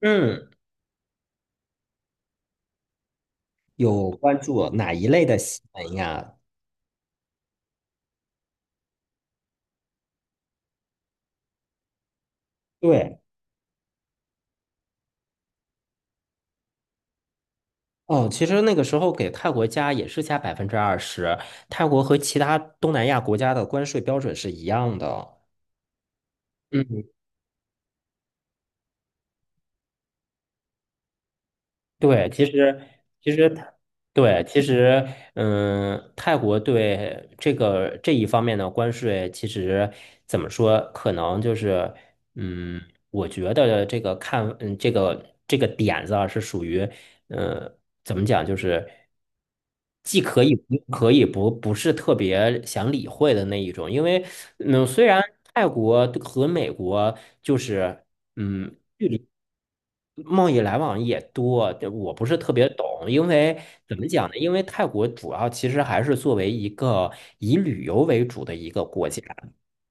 嗯，有关注哪一类的新闻呀？对，哦，其实那个时候给泰国加也是加20%，泰国和其他东南亚国家的关税标准是一样的。嗯。对，其实它对，其实泰国对这个这一方面的关税，其实怎么说，可能就是嗯，我觉得这个看这个点子啊，是属于嗯，怎么讲，就是既可以不可以不是特别想理会的那一种，因为虽然泰国和美国就是。嗯，贸易来往也多，这我不是特别懂，因为怎么讲呢？因为泰国主要其实还是作为一个以旅游为主的一个国家，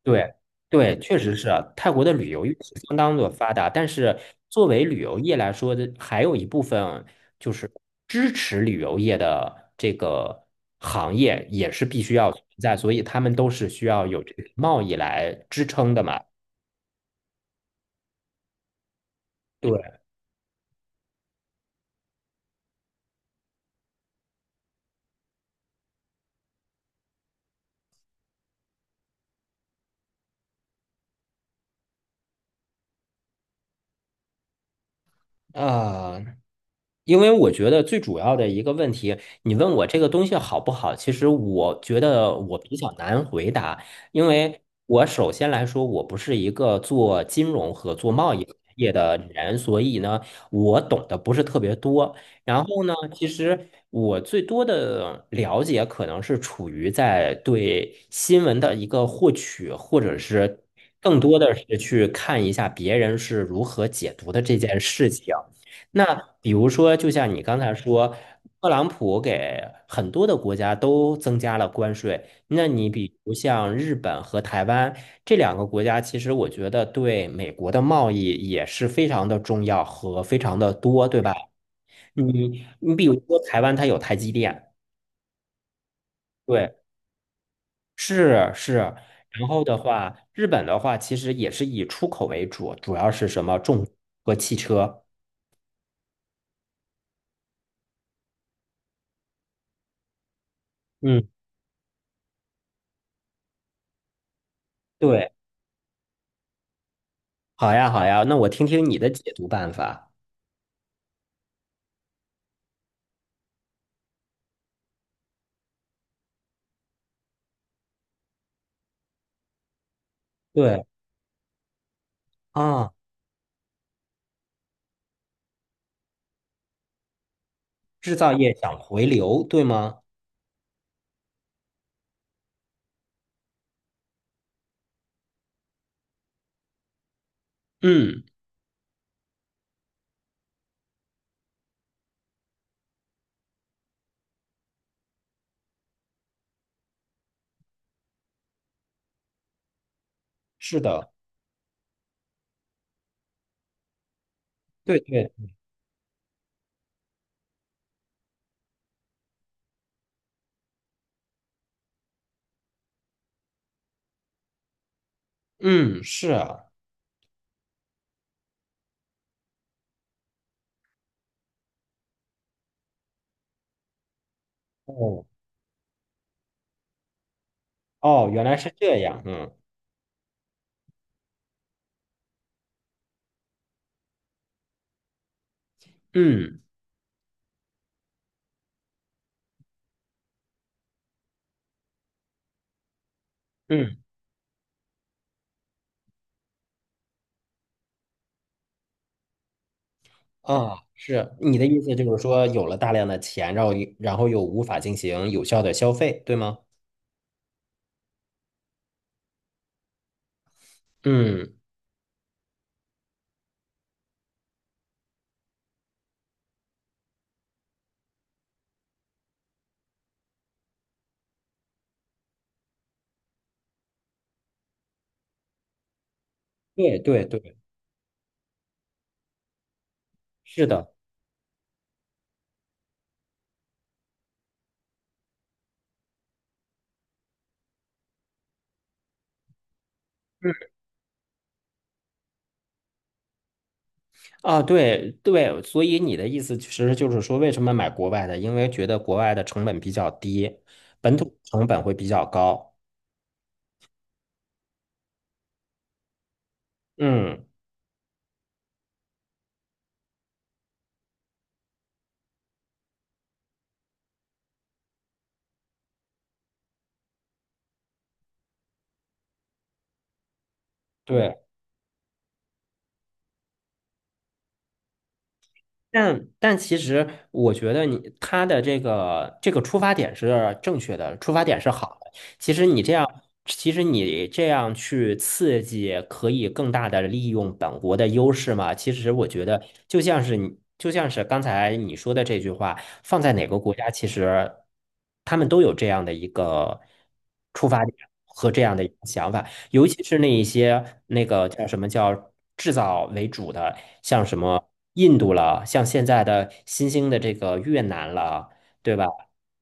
对对，确实是泰国的旅游业是相当的发达，但是作为旅游业来说的，还有一部分就是支持旅游业的这个行业也是必须要存在，所以他们都是需要有这个贸易来支撑的嘛。对，啊、因为我觉得最主要的一个问题，你问我这个东西好不好，其实我觉得我比较难回答，因为我首先来说，我不是一个做金融和做贸易行业的人，所以呢，我懂得不是特别多。然后呢，其实我最多的了解可能是处于在对新闻的一个获取，或者是更多的是去看一下别人是如何解读的这件事情。那比如说，就像你刚才说，特朗普给很多的国家都增加了关税。那你比如像日本和台湾这两个国家，其实我觉得对美国的贸易也是非常的重要和非常的多，对吧？你比如说台湾，它有台积电，对，是是。然后的话，日本的话其实也是以出口为主，主要是什么重和汽车。嗯，对。好呀，好呀，那我听听你的解读办法。对啊，制造业想回流，对吗？嗯，是的，对对，嗯，是啊，哦哦，原来是这样，嗯嗯嗯，啊，是你的意思就是说，有了大量的钱，然后又无法进行有效的消费，对吗？嗯，对对对，是的，嗯。啊，对对，所以你的意思其实就是说，为什么买国外的？因为觉得国外的成本比较低，本土成本会比较高。嗯，对。但其实，我觉得你他的这个出发点是正确的，出发点是好的。其实你这样，其实你这样去刺激，可以更大的利用本国的优势嘛？其实我觉得，就像是你，就像是刚才你说的这句话，放在哪个国家，其实他们都有这样的一个出发点和这样的一个想法。尤其是那一些那个叫什么叫制造为主的，像什么印度了，像现在的新兴的这个越南了，对吧？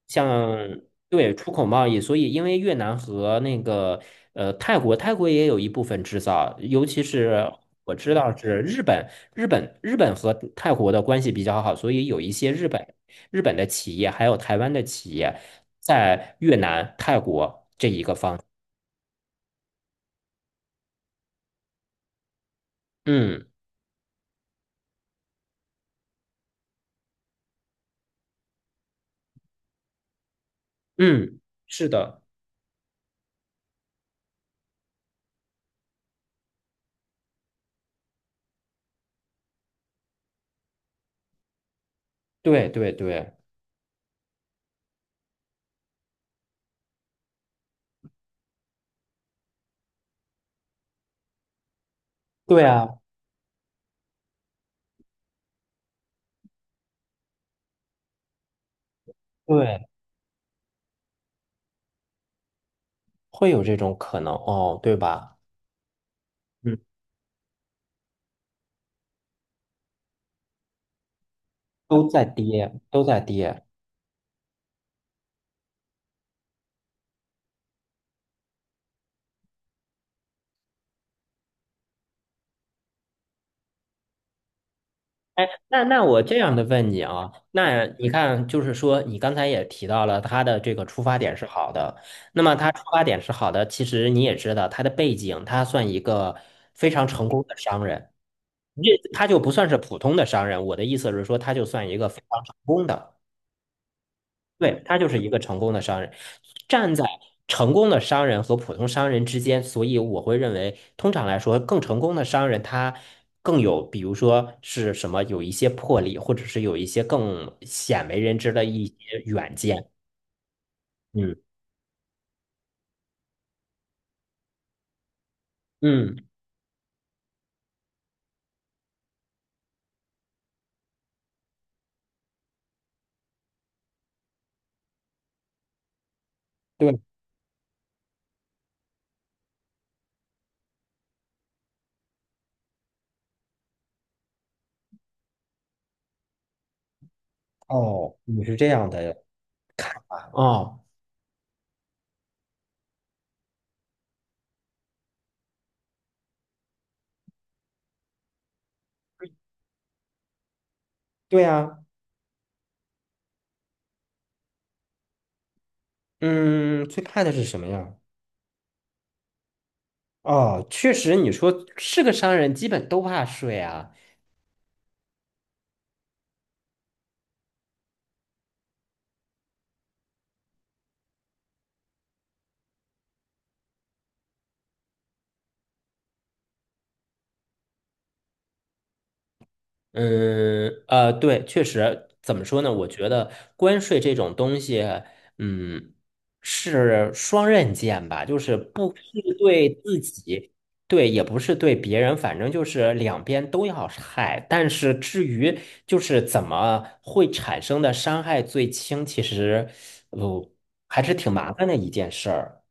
像对出口贸易，所以因为越南和泰国，泰国也有一部分制造，尤其是我知道是日本，日本和泰国的关系比较好，所以有一些日本的企业还有台湾的企业在越南、泰国这一个方，嗯。嗯，是的，对对对对啊，对，会有这种可能哦，对吧？嗯，都在跌，都在跌。哎，那我这样的问你啊，那你看，就是说你刚才也提到了他的这个出发点是好的，那么他出发点是好的，其实你也知道他的背景，他算一个非常成功的商人，这他就不算是普通的商人，我的意思是说，他就算一个非常成功的。对，他就是一个成功的商人，站在成功的商人和普通商人之间，所以我会认为，通常来说，更成功的商人他更有，比如说是什么，有一些魄力，或者是有一些更鲜为人知的一些远见。嗯嗯，对，哦，你是这样的哦，对呀，嗯，最怕的是什么呀？哦，确实，你说是个商人，基本都怕税啊。嗯，对，确实，怎么说呢？我觉得关税这种东西，嗯，是双刃剑吧，就是不是对自己，对，也不是对别人，反正就是两边都要害。但是至于就是怎么会产生的伤害最轻，其实，不还是挺麻烦的一件事儿。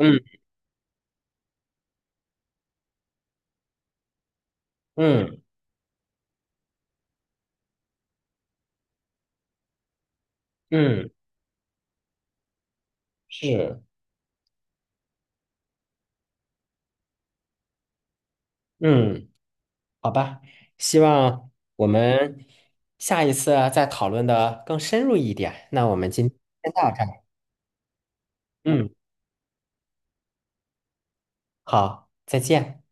嗯嗯嗯，是，嗯。好吧，希望我们下一次啊再讨论的更深入一点。那我们今天先到这儿。嗯，好，再见。